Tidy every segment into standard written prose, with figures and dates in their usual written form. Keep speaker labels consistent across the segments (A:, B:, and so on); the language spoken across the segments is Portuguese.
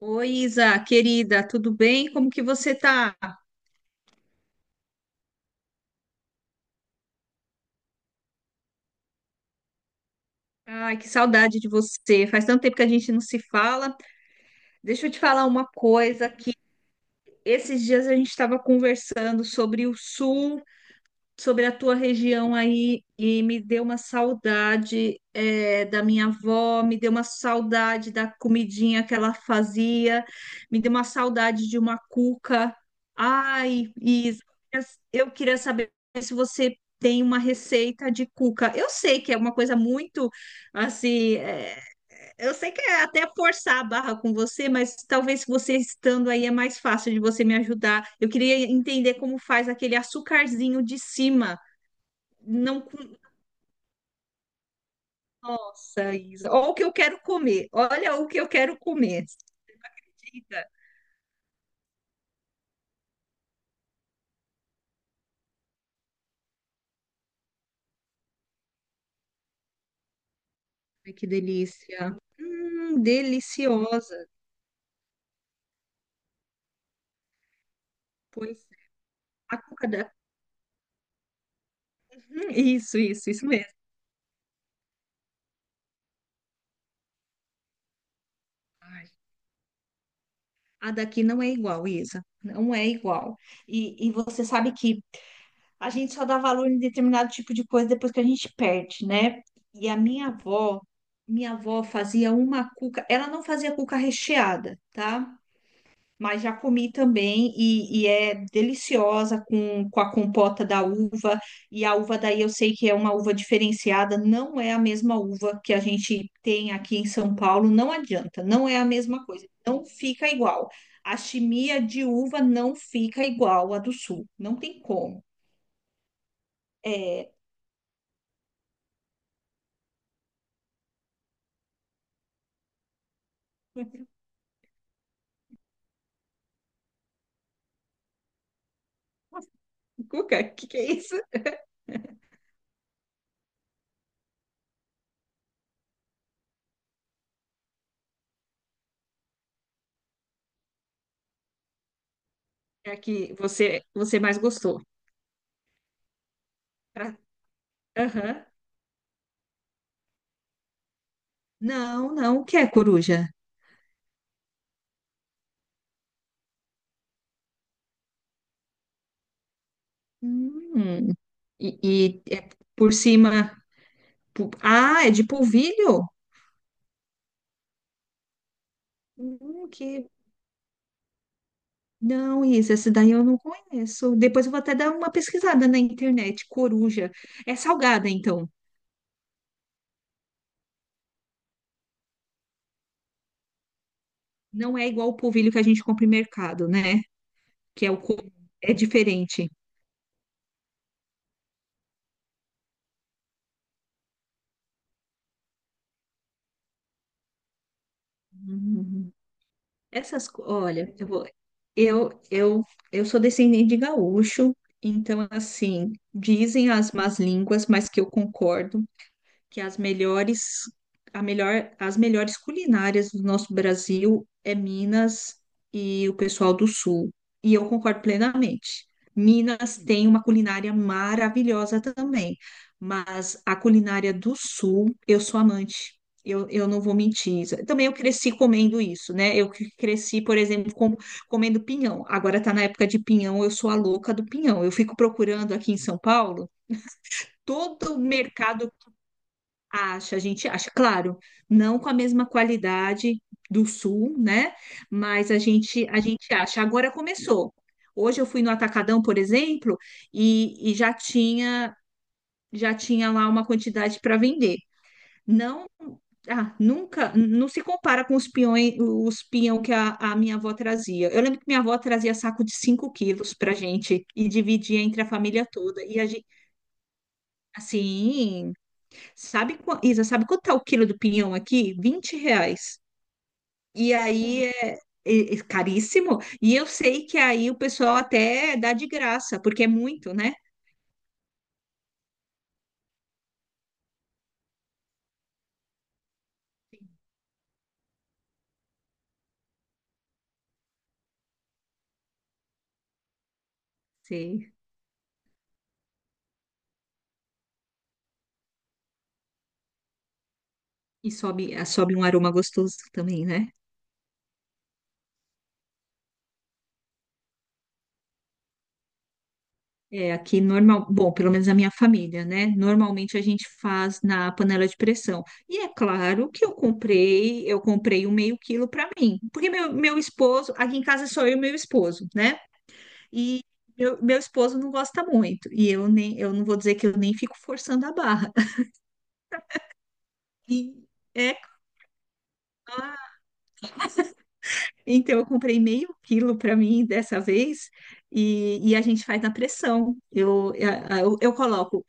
A: Oi, Isa, querida, tudo bem? Como que você tá? Ai, que saudade de você. Faz tanto tempo que a gente não se fala. Deixa eu te falar uma coisa que esses dias a gente estava conversando sobre o sul. Sobre a tua região aí e me deu uma saudade da minha avó, me deu uma saudade da comidinha que ela fazia, me deu uma saudade de uma cuca. Ai, Isa, eu queria saber se você tem uma receita de cuca. Eu sei que é uma coisa muito assim, eu sei que é até forçar a barra com você, mas talvez você estando aí é mais fácil de você me ajudar. Eu queria entender como faz aquele açucarzinho de cima. Não com... Nossa, Isa. Olha o que eu quero comer. Olha o que eu quero comer. Você acredita? Ai, que delícia. Deliciosa. Pois é. A cuca da... Isso, isso, isso mesmo. Ai, a daqui não é igual, Isa. Não é igual. E você sabe que a gente só dá valor em determinado tipo de coisa depois que a gente perde, né? E a minha avó fazia uma cuca, ela não fazia cuca recheada, tá? Mas já comi também e é deliciosa com a compota da uva. E a uva daí eu sei que é uma uva diferenciada, não é a mesma uva que a gente tem aqui em São Paulo, não adianta, não é a mesma coisa, não fica igual. A chimia de uva não fica igual à do sul, não tem como. É. Cuca, o que que é isso? É a que você mais gostou. Pra- Aham. Não, não, o que é coruja? Hum, e é por cima. Ah, é de polvilho? Que. Não, Isa, essa daí eu não conheço. Depois eu vou até dar uma pesquisada na internet. Coruja. É salgada, então. Não é igual o polvilho que a gente compra em mercado, né? Que é o. co- É diferente. Hum. Olha, eu vou, eu, eu, eu sou descendente de gaúcho, então assim, dizem as más línguas, mas que eu concordo que as melhores, a melhor, as melhores culinárias do nosso Brasil é Minas e o pessoal do Sul. E eu concordo plenamente. Minas tem uma culinária maravilhosa também, mas a culinária do Sul, eu sou amante. Eu não vou mentir, Isa. Também eu cresci comendo isso, né? Eu que cresci, por exemplo, comendo pinhão. Agora tá na época de pinhão, eu sou a louca do pinhão. Eu fico procurando aqui em São Paulo todo mercado. Acha, a gente acha, claro, não com a mesma qualidade do sul, né? Mas a gente acha. Agora começou. Hoje eu fui no Atacadão, por exemplo, e já tinha lá uma quantidade para vender. Não, ah, nunca, não se compara com os peões, os pião que a minha avó trazia. Eu lembro que minha avó trazia saco de 5 quilos para gente e dividia entre a família toda. E a gente, assim, sabe, Isa, sabe quanto tá o quilo do pinhão aqui? 20 reais. E aí é caríssimo. E eu sei que aí o pessoal até dá de graça, porque é muito, né? Sei. E sobe, ah, sobe um aroma gostoso também, né? É, aqui normal, bom, pelo menos a minha família, né? Normalmente a gente faz na panela de pressão. E é claro que eu comprei um meio quilo para mim, porque meu esposo, aqui em casa é só eu e meu esposo, né? E meu esposo não gosta muito. E eu nem, eu não vou dizer que eu nem fico forçando a barra. E é claro. Então eu comprei meio quilo para mim dessa vez e a gente faz na pressão. Eu, a- eu,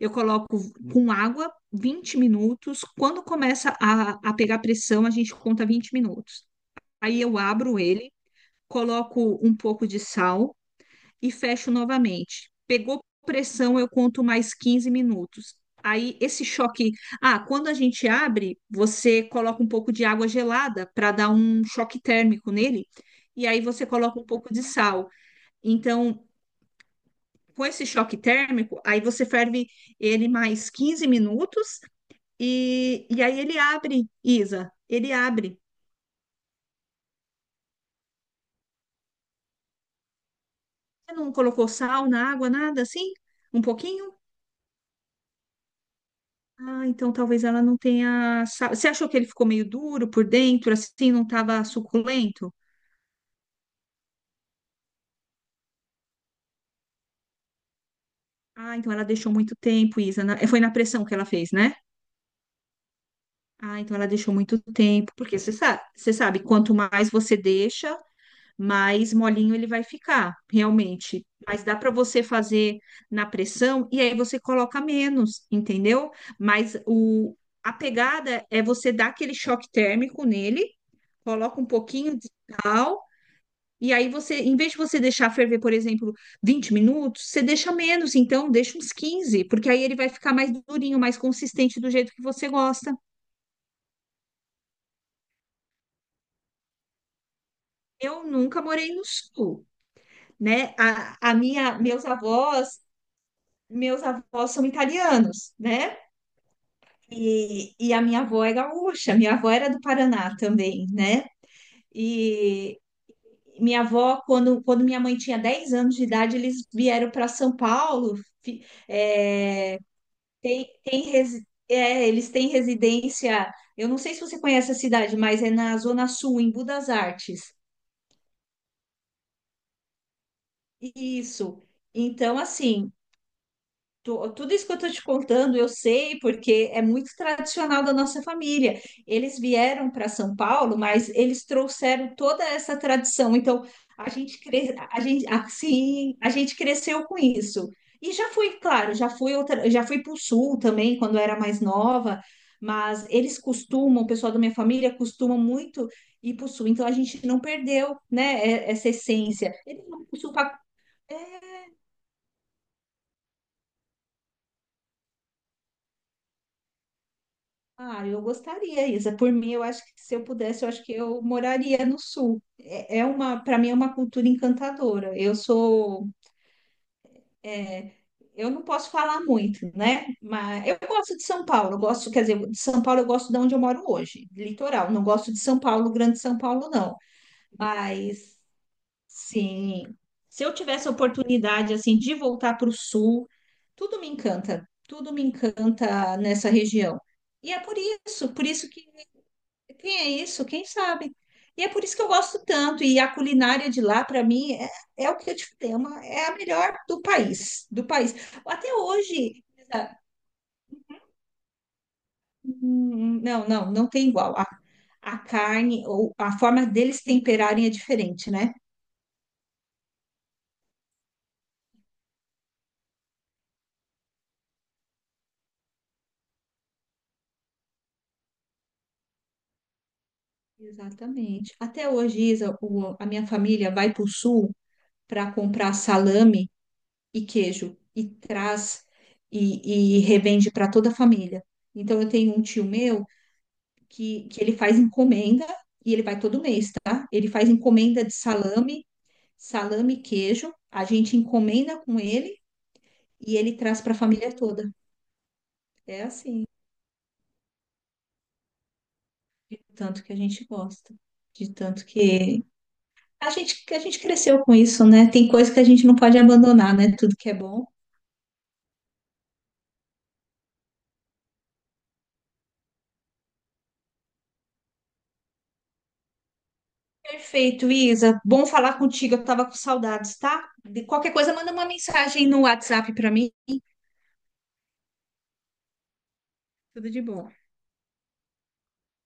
A: eu coloco com água 20 minutos. Quando começa a pegar pressão, a gente conta 20 minutos. Aí eu abro ele, coloco um pouco de sal e fecho novamente. Pegou pressão, eu conto mais 15 minutos. Aí esse choque, ah, Quando a gente abre, você coloca um pouco de água gelada para dar um choque térmico nele, e aí você coloca um pouco de sal. Então, com esse choque térmico, aí você ferve ele mais 15 minutos e aí ele abre, Isa, ele abre. Você não colocou sal na água, nada assim? Um pouquinho? Ah, então talvez ela não tenha. Você achou que ele ficou meio duro por dentro, assim, não estava suculento? Ah, então ela deixou muito tempo, Isa. Foi na pressão que ela fez, né? Ah, então ela deixou muito tempo, porque você sabe, quanto mais você deixa, mais molinho ele vai ficar, realmente. Mas dá para você fazer na pressão e aí você coloca menos, entendeu? Mas o, a pegada é você dar aquele choque térmico nele, coloca um pouquinho de sal. E aí você, em vez de você deixar ferver, por exemplo, 20 minutos, você deixa menos, então deixa uns 15 porque aí ele vai ficar mais durinho, mais consistente do jeito que você gosta. Eu nunca morei no sul, né? Meus avós são italianos, né? E a minha avó é gaúcha, minha avó era do Paraná também, né? E minha avó, quando minha mãe tinha 10 anos de idade, eles vieram para São Paulo, fi- eh, eles têm residência. Eu não sei se você conhece a cidade, mas é na Zona Sul, em Budas Artes. Isso. Então, assim, tudo isso que eu estou te contando, eu sei, porque é muito tradicional da nossa família. Eles vieram para São Paulo, mas eles trouxeram toda essa tradição. Então, a gente cresceu com isso. E já fui, claro, já fui para o sul também, quando eu era mais nova, mas eles costumam, o pessoal da minha família costuma muito ir para o sul. Então, a gente não perdeu, né, essa essência. Eles vão para o sul. Ah, eu gostaria, Isa. Por mim, eu acho que se eu pudesse, eu acho que eu moraria no sul. Para mim é uma cultura encantadora. É, eu não posso falar muito, né? Mas eu gosto de São Paulo. Eu gosto, quer dizer, de São Paulo eu gosto de onde eu moro hoje, litoral. Não gosto de São Paulo, Grande São Paulo, não. Mas sim, se eu tivesse a oportunidade assim de voltar para o sul, tudo me encanta nessa região. E é por isso que quem é isso? Quem sabe? E é por isso que eu gosto tanto. E a culinária de lá, para mim, é o que eu te falei, é a melhor do país, do país. Até hoje, não, não, não tem igual. A carne ou a forma deles temperarem é diferente, né? Exatamente. Até hoje, Isa, a minha família vai para o sul para comprar salame e queijo e traz e revende para toda a família. Então, eu tenho um tio meu que ele faz encomenda e ele vai todo mês, tá? Ele faz encomenda de salame, salame e queijo. A gente encomenda com ele e ele traz para a família toda. É assim, de tanto que a gente gosta, de tanto que a gente cresceu com isso, né? Tem coisa que a gente não pode abandonar, né? Tudo que é bom. Perfeito, Isa. Bom falar contigo. Eu tava com saudades, tá? De qualquer coisa, manda uma mensagem no WhatsApp para mim. Tudo de bom.